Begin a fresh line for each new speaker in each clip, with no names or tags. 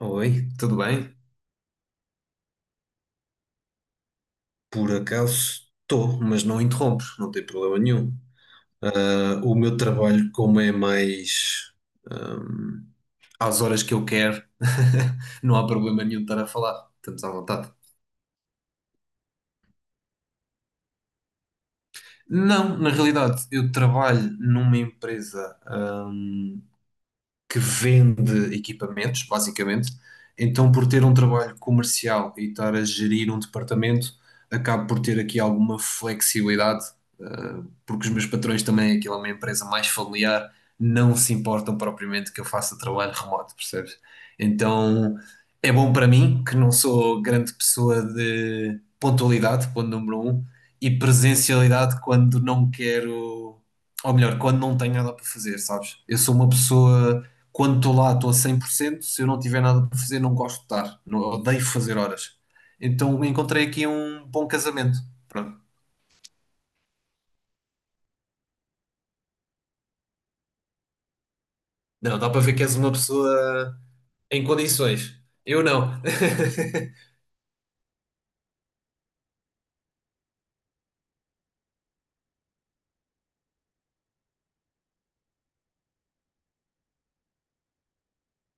Oi, tudo bem? Por acaso estou, mas não interrompes, não tem problema nenhum. Ah, o meu trabalho, como é mais ahm, às horas que eu quero, não há problema nenhum de estar a falar, estamos à vontade. Não, na realidade, eu trabalho numa empresa que vende equipamentos, basicamente. Então, por ter um trabalho comercial e estar a gerir um departamento, acabo por ter aqui alguma flexibilidade, porque os meus patrões também, aquilo é uma empresa mais familiar, não se importam propriamente que eu faça trabalho remoto, percebes? Então, é bom para mim, que não sou grande pessoa de pontualidade, ponto número um, e presencialidade quando não quero, ou melhor, quando não tenho nada para fazer, sabes? Eu sou uma pessoa quando estou lá, estou a 100%. Se eu não tiver nada para fazer, não gosto de estar. Não, odeio fazer horas. Então encontrei aqui um bom casamento. Pronto. Não, dá para ver que és uma pessoa em condições. Eu não.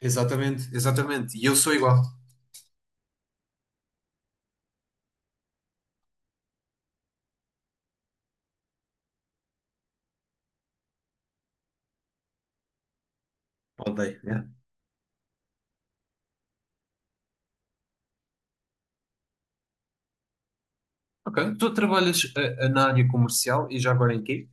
Exatamente, exatamente. E eu sou igual. Odeio. Né? Ok. Tu trabalhas na área comercial e já agora em quê?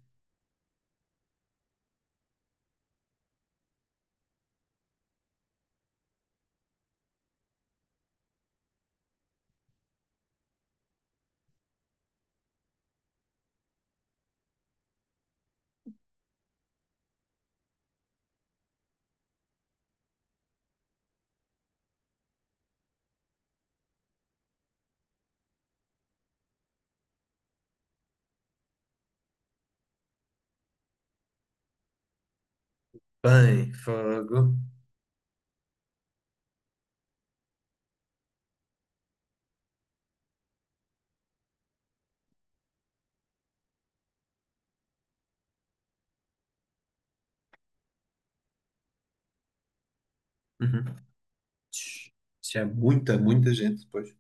Bem, fogo. Uhum. Isso é muita, muita gente depois.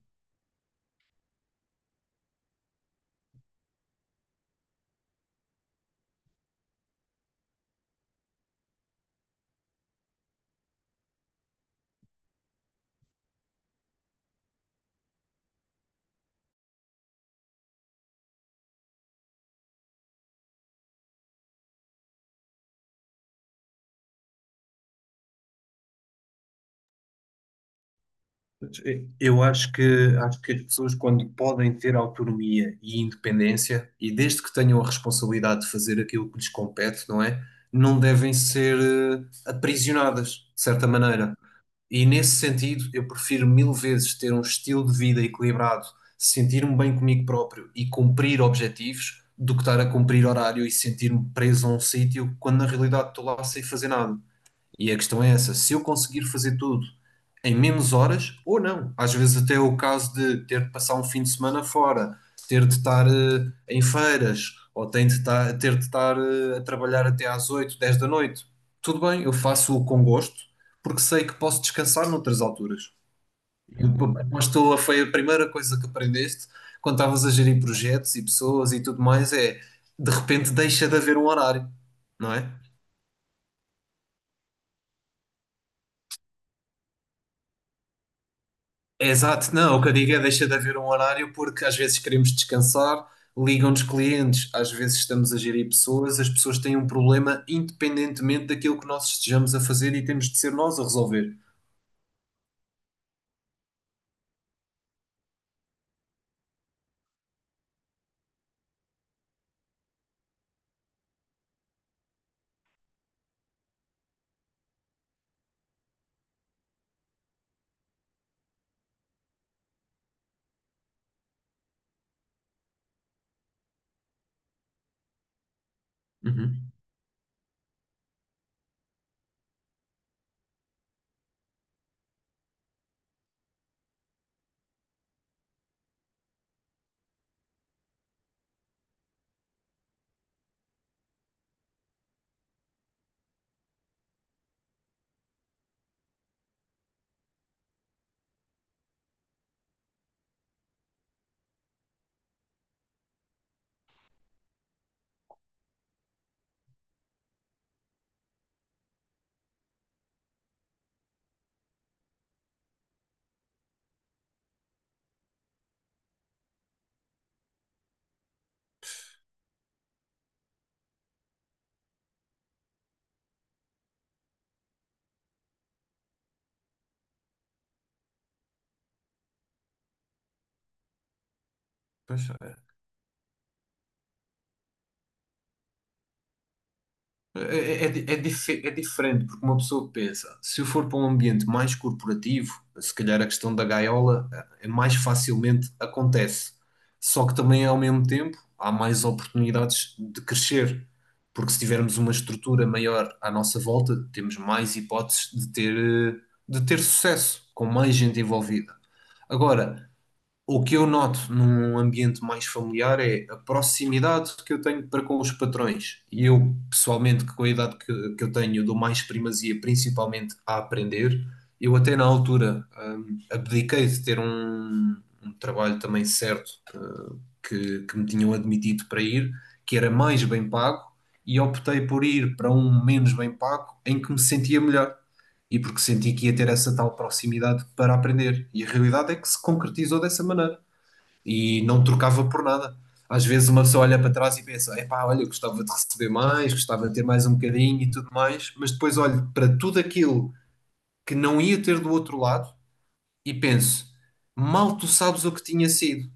Eu acho que as pessoas, quando podem ter autonomia e independência, e desde que tenham a responsabilidade de fazer aquilo que lhes compete, não é? Não devem ser aprisionadas, de certa maneira. E nesse sentido, eu prefiro mil vezes ter um estilo de vida equilibrado, sentir-me bem comigo próprio e cumprir objetivos, do que estar a cumprir horário e sentir-me preso a um sítio, quando na realidade estou lá sem fazer nada. E a questão é essa, se eu conseguir fazer tudo em menos horas ou não. Às vezes até é o caso de ter de passar um fim de semana fora, ter de estar em feiras, ou ter de estar a trabalhar até às 8, 10 da noite. Tudo bem, eu faço-o com gosto, porque sei que posso descansar noutras alturas. Eu aposto, foi a primeira coisa que aprendeste quando estavas a gerir projetos e pessoas e tudo mais, é de repente deixa de haver um horário, não é? Exato, não, o que eu digo é deixa de haver um horário porque às vezes queremos descansar, ligam-nos clientes, às vezes estamos a gerir pessoas, as pessoas têm um problema independentemente daquilo que nós estejamos a fazer e temos de ser nós a resolver. Uhum. Pois, é, é, di- é, dife- é diferente, porque uma pessoa pensa, se eu for para um ambiente mais corporativo, se calhar a questão da gaiola é mais facilmente acontece. Só que também, ao mesmo tempo, há mais oportunidades de crescer, porque se tivermos uma estrutura maior à nossa volta, temos mais hipóteses de ter, de ter sucesso, com mais gente envolvida. Agora, o que eu noto num ambiente mais familiar é a proximidade que eu tenho para com os patrões. E eu, pessoalmente, que com a idade que eu tenho, eu dou mais primazia, principalmente a aprender. Eu até na altura, abdiquei de ter um trabalho também certo, que me tinham admitido para ir, que era mais bem pago, e optei por ir para um menos bem pago, em que me sentia melhor e porque senti que ia ter essa tal proximidade para aprender. E a realidade é que se concretizou dessa maneira e não trocava por nada. Às vezes uma pessoa olha para trás e pensa: epá, olha, gostava de receber mais, gostava de ter mais um bocadinho e tudo mais, mas depois olho para tudo aquilo que não ia ter do outro lado e penso: mal tu sabes o que tinha sido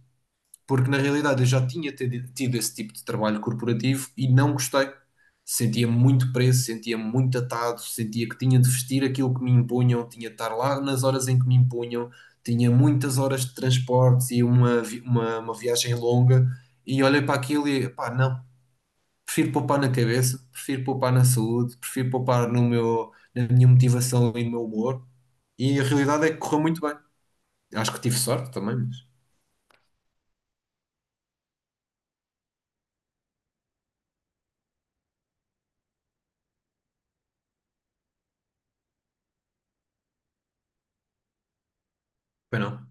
porque na realidade eu já tinha tido esse tipo de trabalho corporativo e não gostei. Sentia muito preso, sentia muito atado, sentia que tinha de vestir aquilo que me impunham, tinha de estar lá nas horas em que me impunham, tinha muitas horas de transportes e uma viagem longa. E olhei para aquilo e, pá, não, prefiro poupar na cabeça, prefiro poupar na saúde, prefiro poupar no meu, na minha motivação e no meu humor. E a realidade é que correu muito bem. Acho que tive sorte também, mas. Bem, não.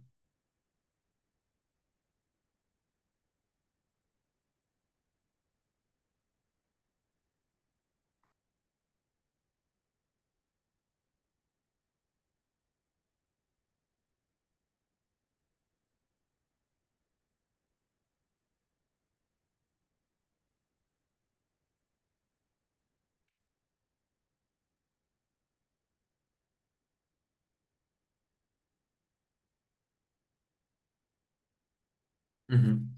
Uhum.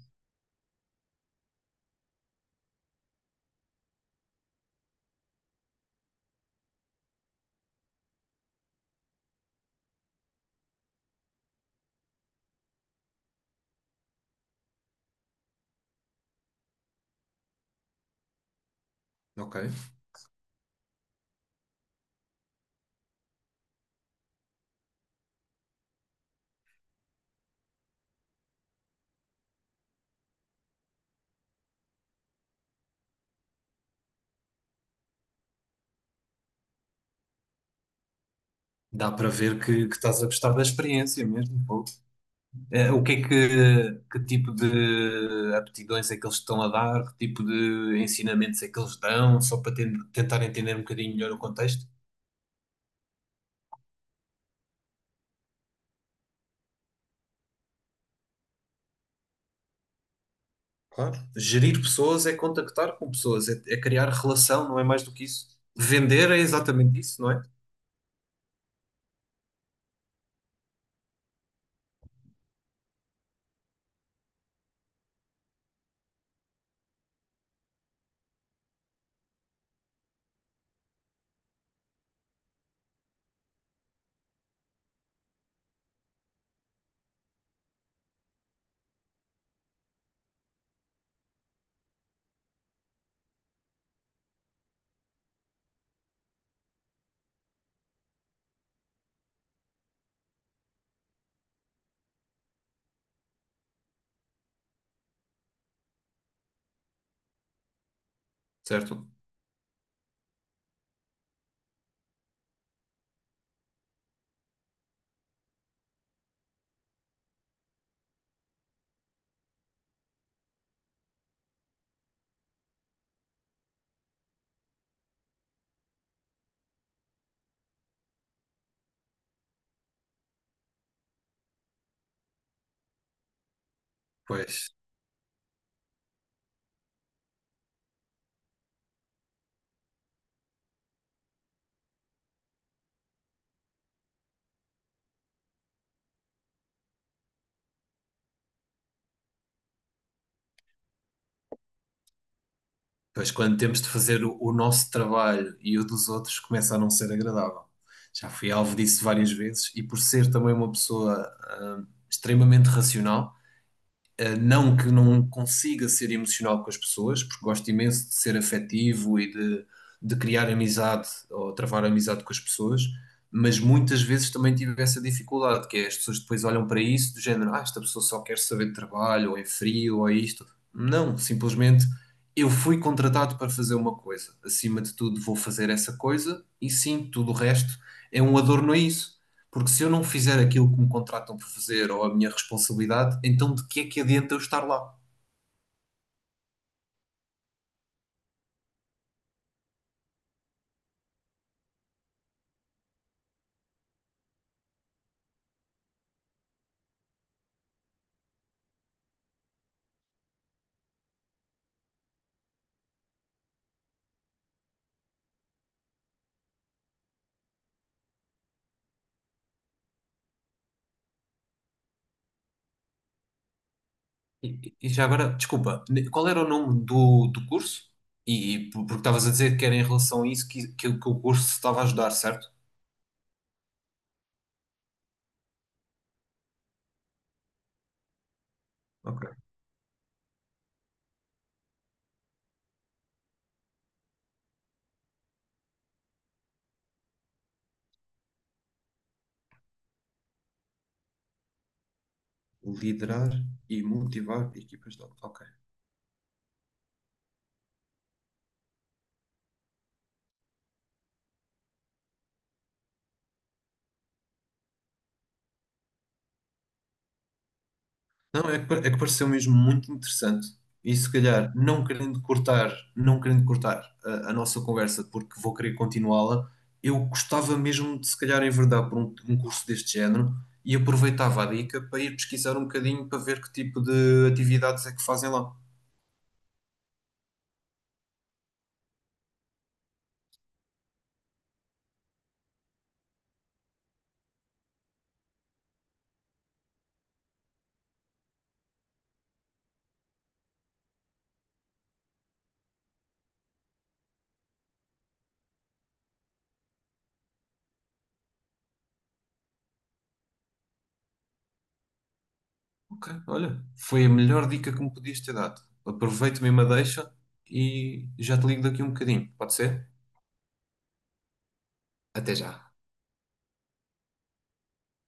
Ok. Dá para ver que estás a gostar da experiência mesmo. Pô. Eh, o que é que tipo de aptidões é que eles estão a dar? Que tipo de ensinamentos é que eles dão? Só para tentar entender um bocadinho melhor o contexto. Claro. Gerir pessoas é contactar com pessoas, é criar relação, não é mais do que isso. Vender é exatamente isso, não é? Certo? Pois. Pois quando temos de fazer o nosso trabalho e o dos outros começa a não ser agradável. Já fui alvo disso várias vezes e por ser também uma pessoa, extremamente racional. Não que não consiga ser emocional com as pessoas, porque gosto imenso de ser afetivo e de criar amizade ou travar amizade com as pessoas, mas muitas vezes também tive essa dificuldade, que é as pessoas depois olham para isso do género, ah, esta pessoa só quer saber de trabalho, ou é frio, ou é isto. Não, simplesmente eu fui contratado para fazer uma coisa. Acima de tudo, vou fazer essa coisa e sim, tudo o resto é um adorno a isso. Porque se eu não fizer aquilo que me contratam por fazer ou a minha responsabilidade, então de que é que adianta eu estar lá? E já agora, desculpa, qual era o nome do curso? E porque estavas a dizer que era em relação a isso que o curso estava a ajudar, certo? Ok. Liderar e motivar equipas de. Ok. Não, é que, é que pareceu mesmo muito interessante. E se calhar, não querendo cortar, não querendo cortar a nossa conversa, porque vou querer continuá-la, eu gostava mesmo de se calhar enverdar por um curso deste género e aproveitava a dica para ir pesquisar um bocadinho para ver que tipo de atividades é que fazem lá. Ok, olha, foi a melhor dica que me podias ter dado. Aproveito mesmo a deixa e já te ligo daqui um bocadinho, pode ser? Até já.